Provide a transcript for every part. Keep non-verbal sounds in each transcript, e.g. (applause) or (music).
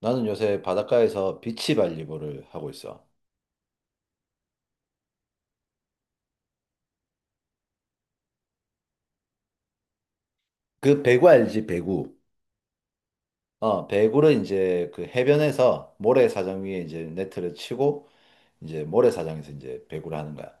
나는 요새 바닷가에서 비치발리볼을 하고 있어. 그 배구 알지? 배구. 어, 배구를 이제 그 해변에서 모래사장 위에 이제 네트를 치고 이제 모래사장에서 이제 배구를 하는 거야.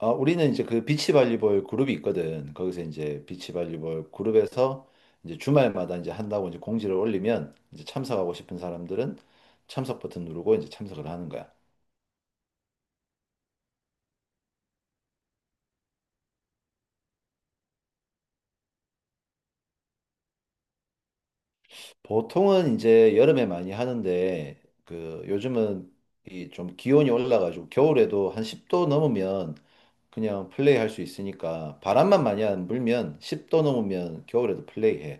어, 우리는 이제 그 비치발리볼 그룹이 있거든. 거기서 이제 비치발리볼 그룹에서 이제 주말마다 이제 한다고 이제 공지를 올리면 이제 참석하고 싶은 사람들은 참석 버튼 누르고 이제 참석을 하는 거야. 보통은 이제 여름에 많이 하는데 그 요즘은 이 좀 기온이 올라가지고 겨울에도 한 10도 넘으면 그냥 플레이할 수 있으니까 바람만 많이 안 불면 10도 넘으면 겨울에도 플레이해.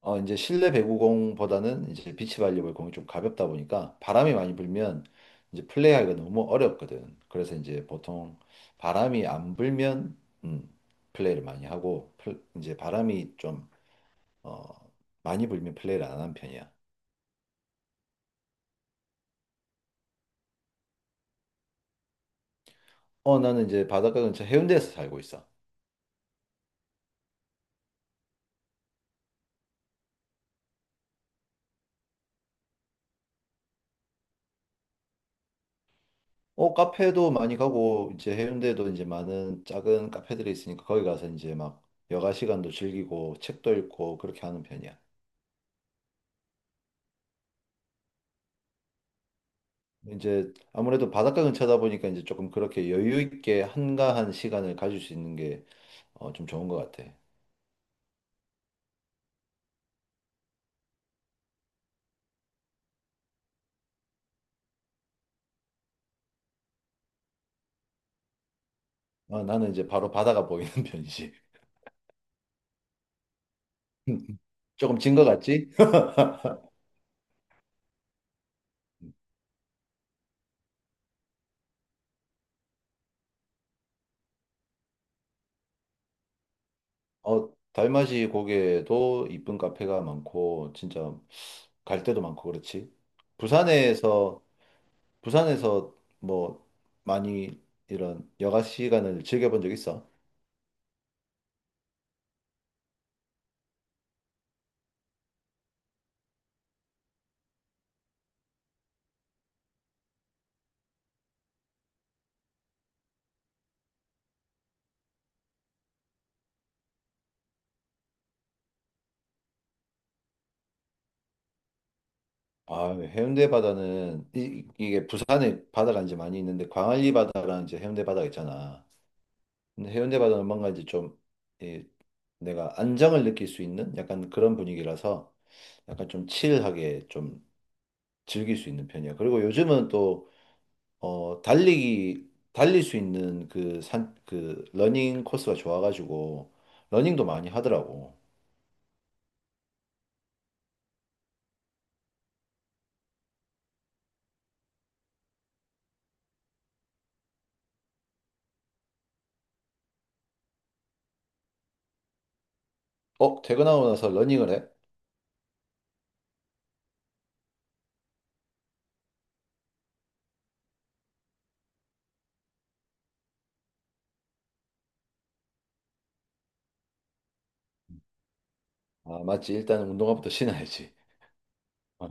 어, 이제 실내 배구공보다는 이제 비치 발리볼 공이 좀 가볍다 보니까 바람이 많이 불면 이제 플레이하기가 너무 어렵거든. 그래서 이제 보통 바람이 안 불면 음, 플레이를 많이 하고 이제 바람이 좀 어, 많이 불면 플레이를 안 하는 편이야. 어, 나는 이제 바닷가 근처 해운대에서 살고 있어. 어, 카페도 많이 가고, 이제 해운대도 이제 많은 작은 카페들이 있으니까 거기 가서 이제 막 여가 시간도 즐기고, 책도 읽고, 그렇게 하는 편이야. 이제 아무래도 바닷가 근처다 보니까 이제 조금 그렇게 여유 있게 한가한 시간을 가질 수 있는 게, 어, 좀 좋은 것 같아. 어, 나는 이제 바로 바다가 보이는 (laughs) 편이지. (laughs) 조금 진 것 같지? (laughs) 어, 달맞이 고개도 이쁜 카페가 많고, 진짜 갈 데도 많고, 그렇지? 부산에서 부산에서 뭐 많이 이런 여가 시간을 즐겨본 적 있어? 아, 해운대 바다는 이, 게 부산에 바다가 이제 많이 있는데 광안리 바다랑 이제 해운대 바다가 있잖아. 근데 해운대 바다는 뭔가 이제 좀 이, 내가 안정을 느낄 수 있는 약간 그런 분위기라서 약간 좀 칠하게 좀 즐길 수 있는 편이야. 그리고 요즘은 또 어, 달리기 달릴 수 있는 그 산 그 러닝 코스가 좋아가지고 러닝도 많이 하더라고. 어, 퇴근하고 나서 러닝을 해? 아, 맞지. 일단 운동화부터 신어야지. 어.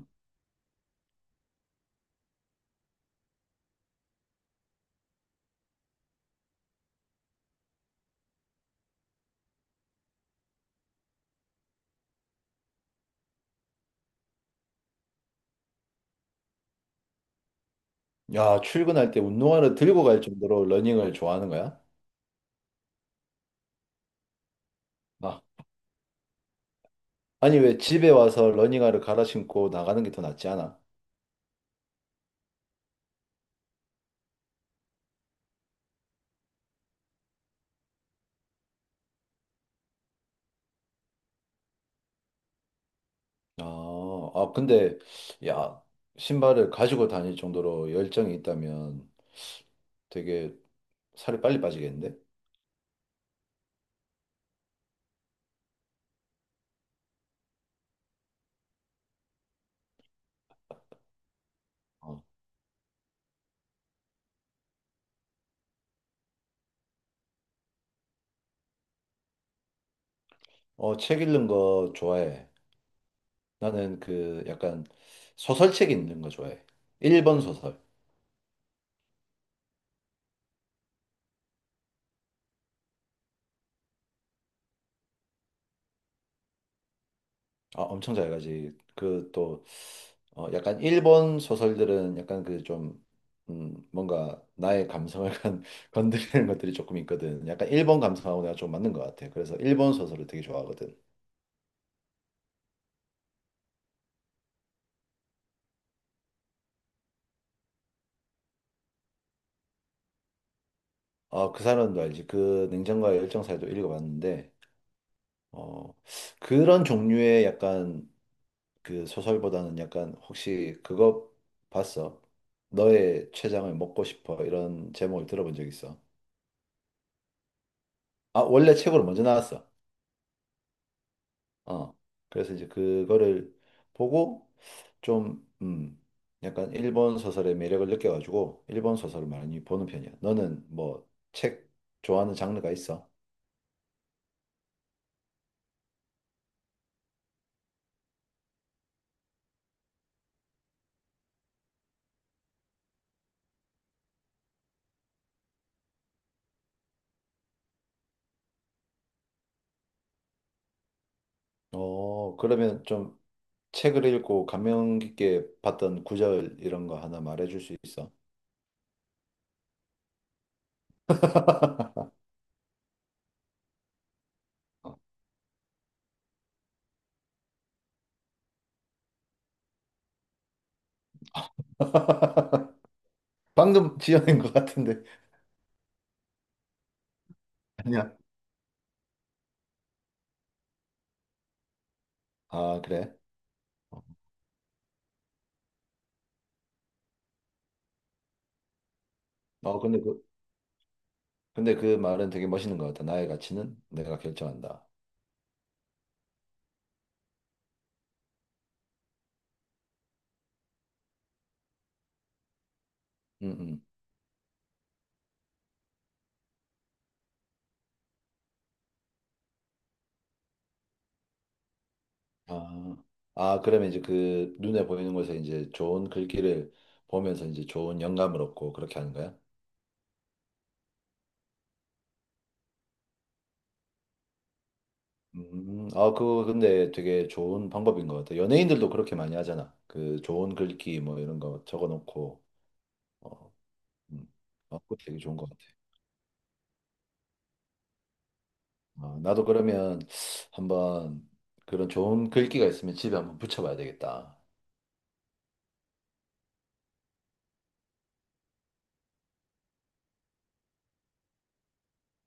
야, 출근할 때 운동화를 들고 갈 정도로 러닝을 좋아하는 거야? 아, 아니, 왜 집에 와서 러닝화를 갈아 신고 나가는 게 더 낫지 않아? 근데, 야, 신발을 가지고 다닐 정도로 열정이 있다면 되게 살이 빨리 빠지겠는데? 어, 책 읽는 거 좋아해. 나는 그 약간 소설책 읽는 거 좋아해. 일본 소설. 아, 엄청 잘 가지. 그 또, 어, 약간 일본 소설들은 약간 그 좀, 뭔가 나의 감성을 (laughs) 건드리는 것들이 조금 있거든. 약간 일본 감성하고 내가 좀 맞는 것 같아. 그래서 일본 소설을 되게 좋아하거든. 아, 그 사람도 알지. 그 냉정과의 열정사에도 읽어봤는데, 어, 그런 종류의 약간 그 소설보다는 약간 혹시 그거 봤어? 너의 췌장을 먹고 싶어. 이런 제목을 들어본 적 있어? 아, 원래 책으로 먼저 나왔어. 어, 그래서 이제 그거를 보고 좀, 약간 일본 소설의 매력을 느껴가지고 일본 소설을 많이 보는 편이야. 너는 뭐 책 좋아하는 장르가 있어? 어, 그러면 좀 책을 읽고 감명 깊게 봤던 구절 이런 거 하나 말해줄 수 있어? (laughs) 방금 지어낸 것 같은데. 아니야. 아, 그래? 어, 근데 그, 근데 그 말은 되게 멋있는 것 같아. 나의 가치는 내가 결정한다. 음, 음. 아, 아, 그러면 이제 그 눈에 보이는 곳에 이제 좋은 글귀를 보면서 이제 좋은 영감을 얻고 그렇게 하는 거야? 아, 그거 근데 되게 좋은 방법인 것 같아. 연예인들도 그렇게 많이 하잖아. 그 좋은 글귀 뭐 이런 거 적어놓고, 어, 음, 어, 그거 되게 좋은 것 같아. 아, 나도 그러면 한번 그런 좋은 글귀가 있으면 집에 한번 붙여봐야 되겠다.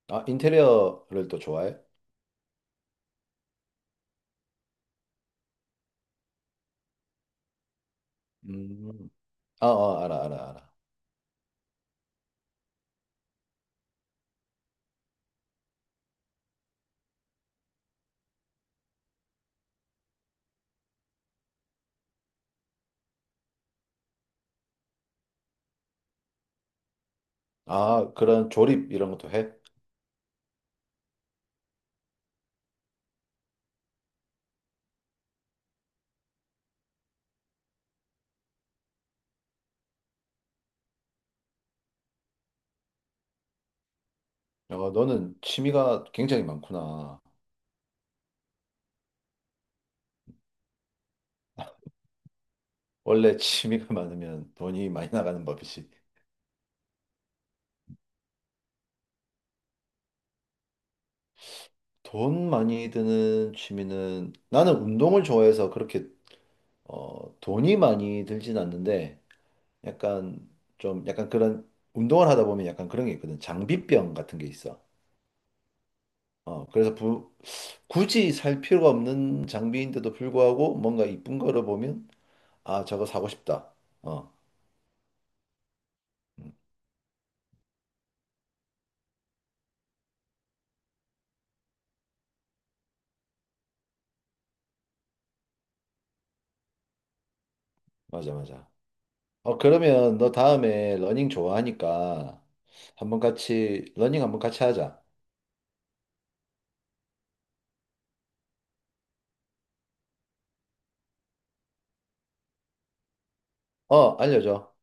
아, 인테리어를 또 좋아해? 음, 아, 아, 알아, 알아, 알아. 아, 그런 조립 이런 것도 해? 어, 너는 취미가 굉장히 많구나. 원래 취미가 (laughs) 많으면 돈이 많이 나가는 법이지. 돈 많이 드는 취미는 나는 운동을 좋아해서 그렇게 어, 돈이 많이 들진 않는데 약간 좀 약간 그런 운동을 하다 보면 약간 그런 게 있거든. 장비병 같은 게 있어. 어, 그래서 부, 굳이 살 필요가 없는 장비인데도 불구하고 뭔가 이쁜 거를 보면 아, 저거 사고 싶다. 어, 음, 맞아, 맞아. 어, 그러면 너 다음에 러닝 좋아하니까 한번 같이, 러닝 한번 같이 하자. 어, 알려줘.